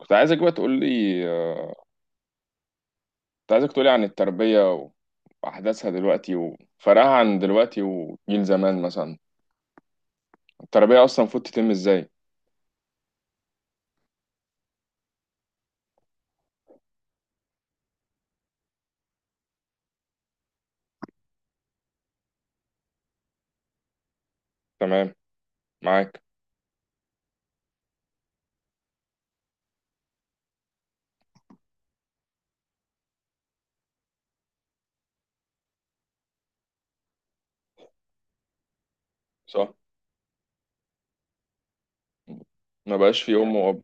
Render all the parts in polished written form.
كنت عايزك بقى تقول لي، آه، كنت عايزك تقول لي عن التربية وأحداثها دلوقتي وفرقها عن دلوقتي وجيل زمان مثلا. التربية أصلا المفروض تتم إزاي؟ تمام. معاك. صح. ما بقاش في أم وأب.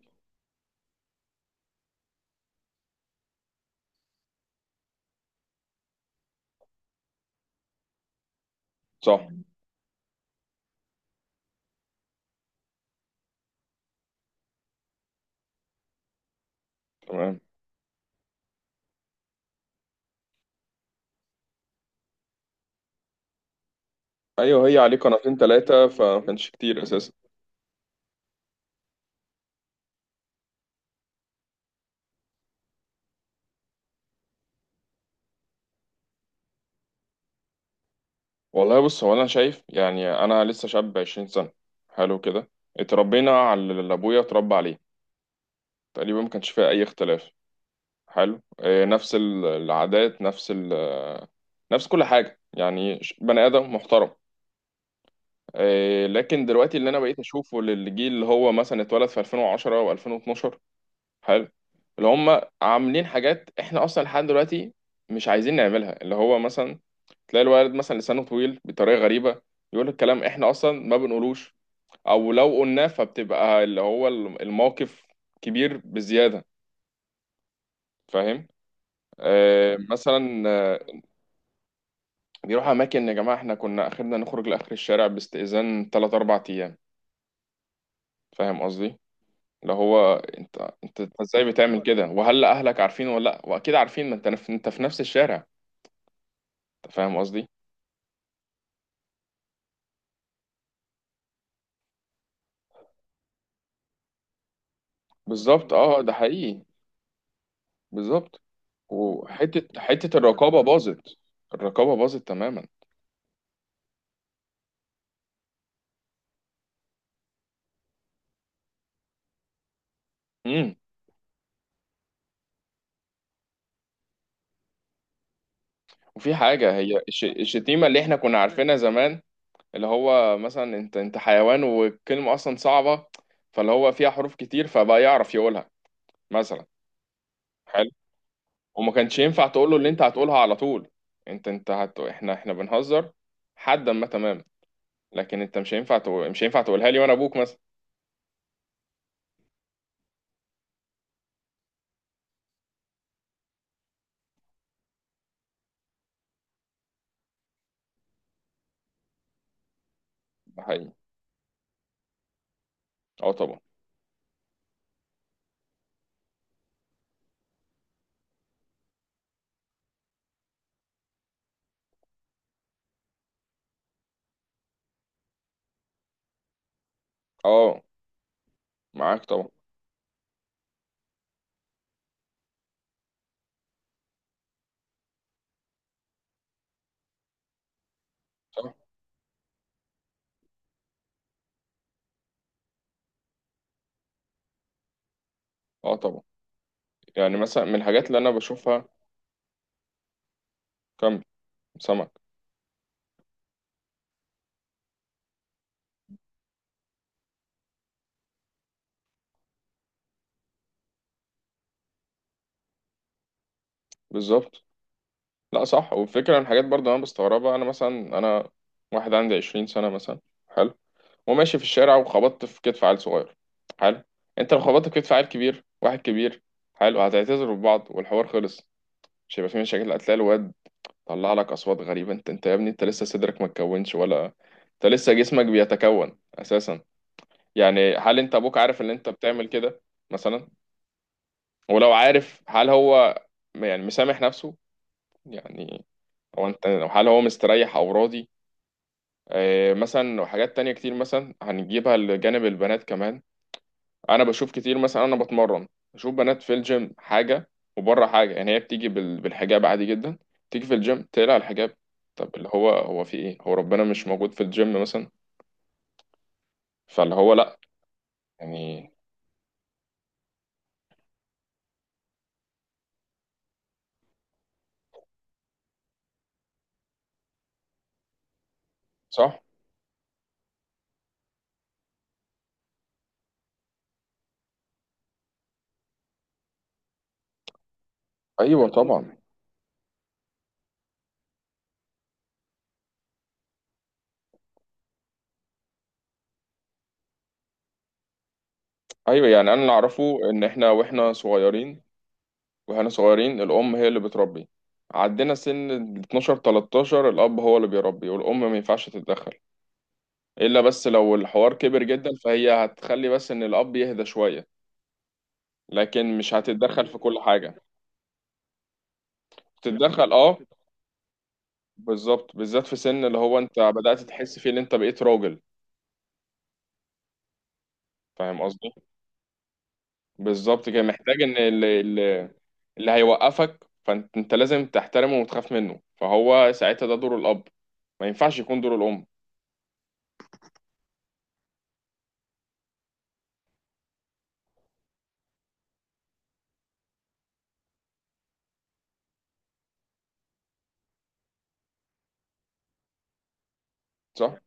صح. تمام. أيوه، هي عليه قناتين تلاتة فما كانش كتير أساسا. والله بص، هو أنا شايف يعني أنا لسه شاب 20 سنة. حلو كده. اتربينا على اللي أبويا اتربى عليه تقريبا، ما كانش فيها أي اختلاف. حلو. نفس العادات، نفس ال آه، نفس كل حاجة يعني، بني آدم محترم. لكن دلوقتي اللي أنا بقيت أشوفه للجيل اللي هو مثلا اتولد في 2010 و2012. حلو. اللي هم عاملين حاجات إحنا أصلا لحد دلوقتي مش عايزين نعملها. اللي هو مثلا تلاقي الولد مثلا لسانه طويل بطريقة غريبة، يقول الكلام إحنا أصلا ما بنقولوش. أو لو قلناه فبتبقى اللي هو الموقف كبير بزيادة. فاهم؟ مثلا، بيروحوا اماكن. يا جماعه، احنا كنا اخرنا نخرج لاخر الشارع باستئذان 3 4 ايام. فاهم قصدي؟ اللي هو، انت ازاي بتعمل كده؟ وهل اهلك عارفين ولا لا؟ واكيد عارفين، ما انت انت في نفس الشارع. انت فاهم قصدي؟ بالظبط، اه ده حقيقي. بالظبط. وحته الرقابه باظت. الرقابه باظت تماما. امم. وفي حاجه هي الشتيمه اللي احنا كنا عارفينها زمان. اللي هو مثلا، انت حيوان، والكلمه اصلا صعبه، فاللي هو فيها حروف كتير فبقى يعرف يقولها مثلا. وما كانش ينفع تقول له اللي انت هتقولها على طول. انت احنا بنهزر. حدا ما، تمام. لكن انت مش هينفع تقولها لي وانا ابوك مثلا. ده حقيقي، اه طبعا. اه. معاك طبعا. صح. اه طبعا. يعني مثلا من الحاجات اللي انا بشوفها، كم سمك. بالظبط. لا صح، والفكره من الحاجات برضه انا بستغربها. انا مثلا، انا واحد عندي 20 سنه مثلا. حلو. وماشي في الشارع وخبطت في كتف عيل صغير. حلو. انت لو خبطت في كتف عيل كبير، واحد كبير. حلو. هتعتذروا ببعض والحوار خلص. مش هيبقى في مشاكل. هتلاقي الواد طلع لك اصوات غريبه، انت يا ابني، انت لسه صدرك ما اتكونش، ولا انت لسه جسمك بيتكون اساسا. يعني هل انت ابوك عارف ان انت بتعمل كده مثلا؟ ولو عارف هل هو مسامح نفسه؟ يعني هو، انت، هل هو مستريح او راضي؟ آه مثلا، وحاجات تانية كتير مثلا هنجيبها لجانب البنات كمان. انا بشوف كتير. مثلا انا بتمرن، بشوف بنات في الجيم حاجه وبره حاجه. يعني هي بتيجي بالحجاب عادي جدا، تيجي في الجيم تقلع الحجاب. طب اللي هو هو في ايه؟ هو ربنا مش موجود في الجيم مثلا؟ فاللي هو لا. يعني صح. ايوه طبعا. ايوه. يعني انا اللي اعرفه ان احنا واحنا صغيرين، واحنا صغيرين الام هي اللي بتربي. عدينا سن ال 12 13، الاب هو اللي بيربي والام ما ينفعش تتدخل، الا بس لو الحوار كبر جدا فهي هتخلي بس ان الاب يهدى شويه، لكن مش هتتدخل في كل حاجة. تتدخل اه. بالظبط، بالذات في سن اللي هو انت بدأت تحس فيه ان انت بقيت راجل. فاهم قصدي؟ بالظبط كده. محتاج ان اللي هيوقفك، فانت لازم تحترمه وتخاف منه. فهو ساعتها ده دور الأب، ما ينفعش يكون دور الأم. صح.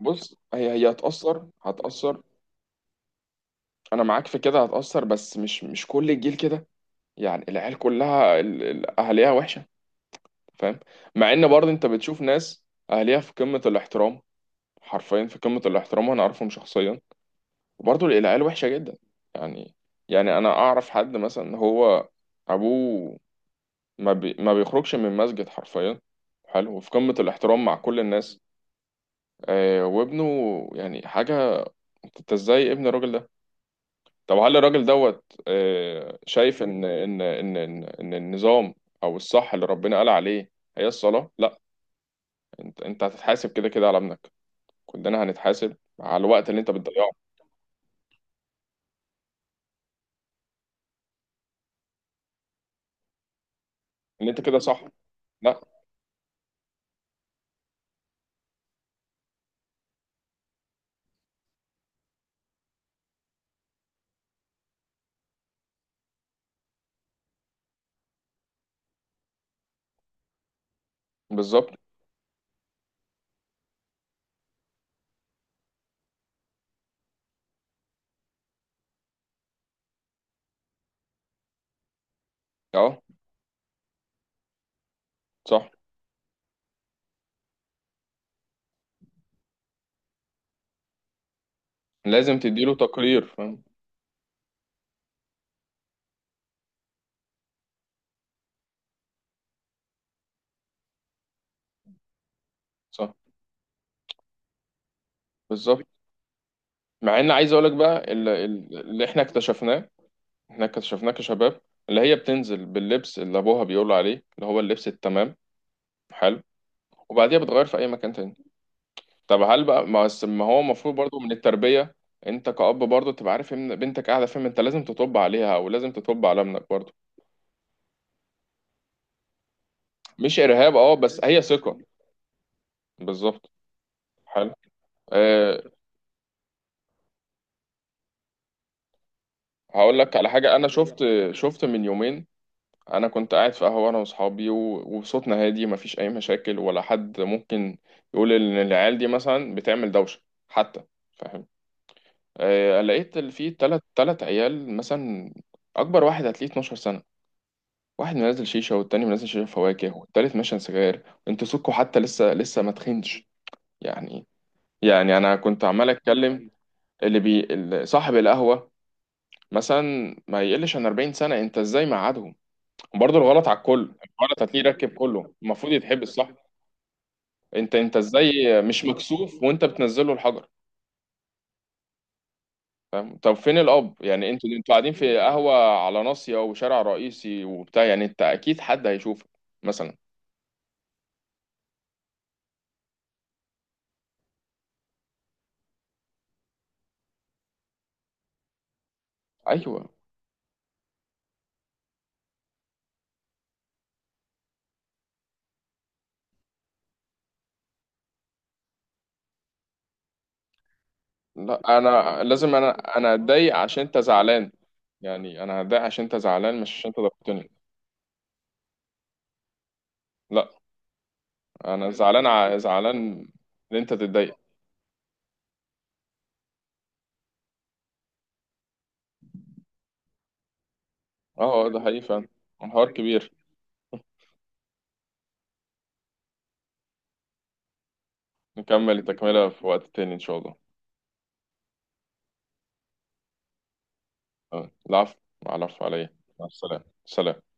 بص، هي هتأثر. انا معاك في كده، هتأثر، بس مش كل الجيل كده. يعني العيال كلها اهاليها وحشة؟ فاهم؟ مع ان برضه انت بتشوف ناس اهاليها في قمة الاحترام، حرفيا في قمة الاحترام، وانا اعرفهم شخصيا، وبرضه العيال وحشة جدا. يعني، انا اعرف حد مثلا، هو ابوه ما بيخرجش من مسجد حرفيا. حلو، وفي قمة الاحترام مع كل الناس. آه وابنه يعني حاجة، انت ازاي ابن الراجل ده؟ طب هل الراجل دوت، آه شايف ان النظام او الصح اللي ربنا قال عليه هي الصلاة؟ لا، انت هتتحاسب كده كده على ابنك. كلنا هنتحاسب على الوقت اللي انت بتضيعه. اللي انت كده صح. لا. بالظبط. اه صح. لازم تديله تقرير، فاهم؟ صح. بالظبط. مع ان عايز اقولك بقى اللي احنا اكتشفناه، احنا اكتشفناه كشباب، اللي هي بتنزل باللبس اللي ابوها بيقول عليه، اللي هو اللبس التمام. حلو. وبعديها بتغير في اي مكان تاني. طب هل بقى ما هو المفروض برضو من التربية، انت كأب برضو تبقى عارف ان بنتك قاعدة فين؟ انت لازم تطب عليها، او لازم تطب على ابنك برضو. مش ارهاب، اه، بس هي ثقة. بالظبط. حلو. أه، هقول لك على حاجة. انا شفت، شفت من يومين، انا كنت قاعد في قهوه انا واصحابي، وصوتنا هادي مفيش اي مشاكل، ولا حد ممكن يقول ان العيال دي مثلا بتعمل دوشه حتى. فاهم؟ آه، لقيت في تلات عيال مثلا، اكبر واحد هتلاقيه 12 سنه، واحد منزل شيشه، والتاني منزل شيشه فواكه، والتالت ماشي سجاير. انتوا سكوا حتى، لسه ما تخنش. يعني. يعني انا كنت عمال اتكلم اللي صاحب القهوه مثلا، ما يقلش عن 40 سنه. انت ازاي مقعدهم؟ وبرضه الغلط على الكل، الغلط هتلاقيه راكب كله المفروض يتحبس، صح؟ انت ازاي مش مكسوف وانت بتنزله الحجر؟ فاهم؟ طب فين الاب يعني؟ انتوا قاعدين في قهوه على ناصيه وشارع رئيسي وبتاع، يعني انت اكيد حد هيشوفك مثلا. ايوه، لا انا لازم، انا اتضايق عشان انت زعلان. يعني انا هتضايق عشان انت زعلان، مش عشان انت ضربتني. لا، انا زعلان، زعلان ان انت تتضايق. اه، اه، ده حقيقي فعلا. الحوار كبير. نكمل التكمله في وقت تاني ان شاء الله. اه، العفو. العفو عليا. مع السلامه. سلام.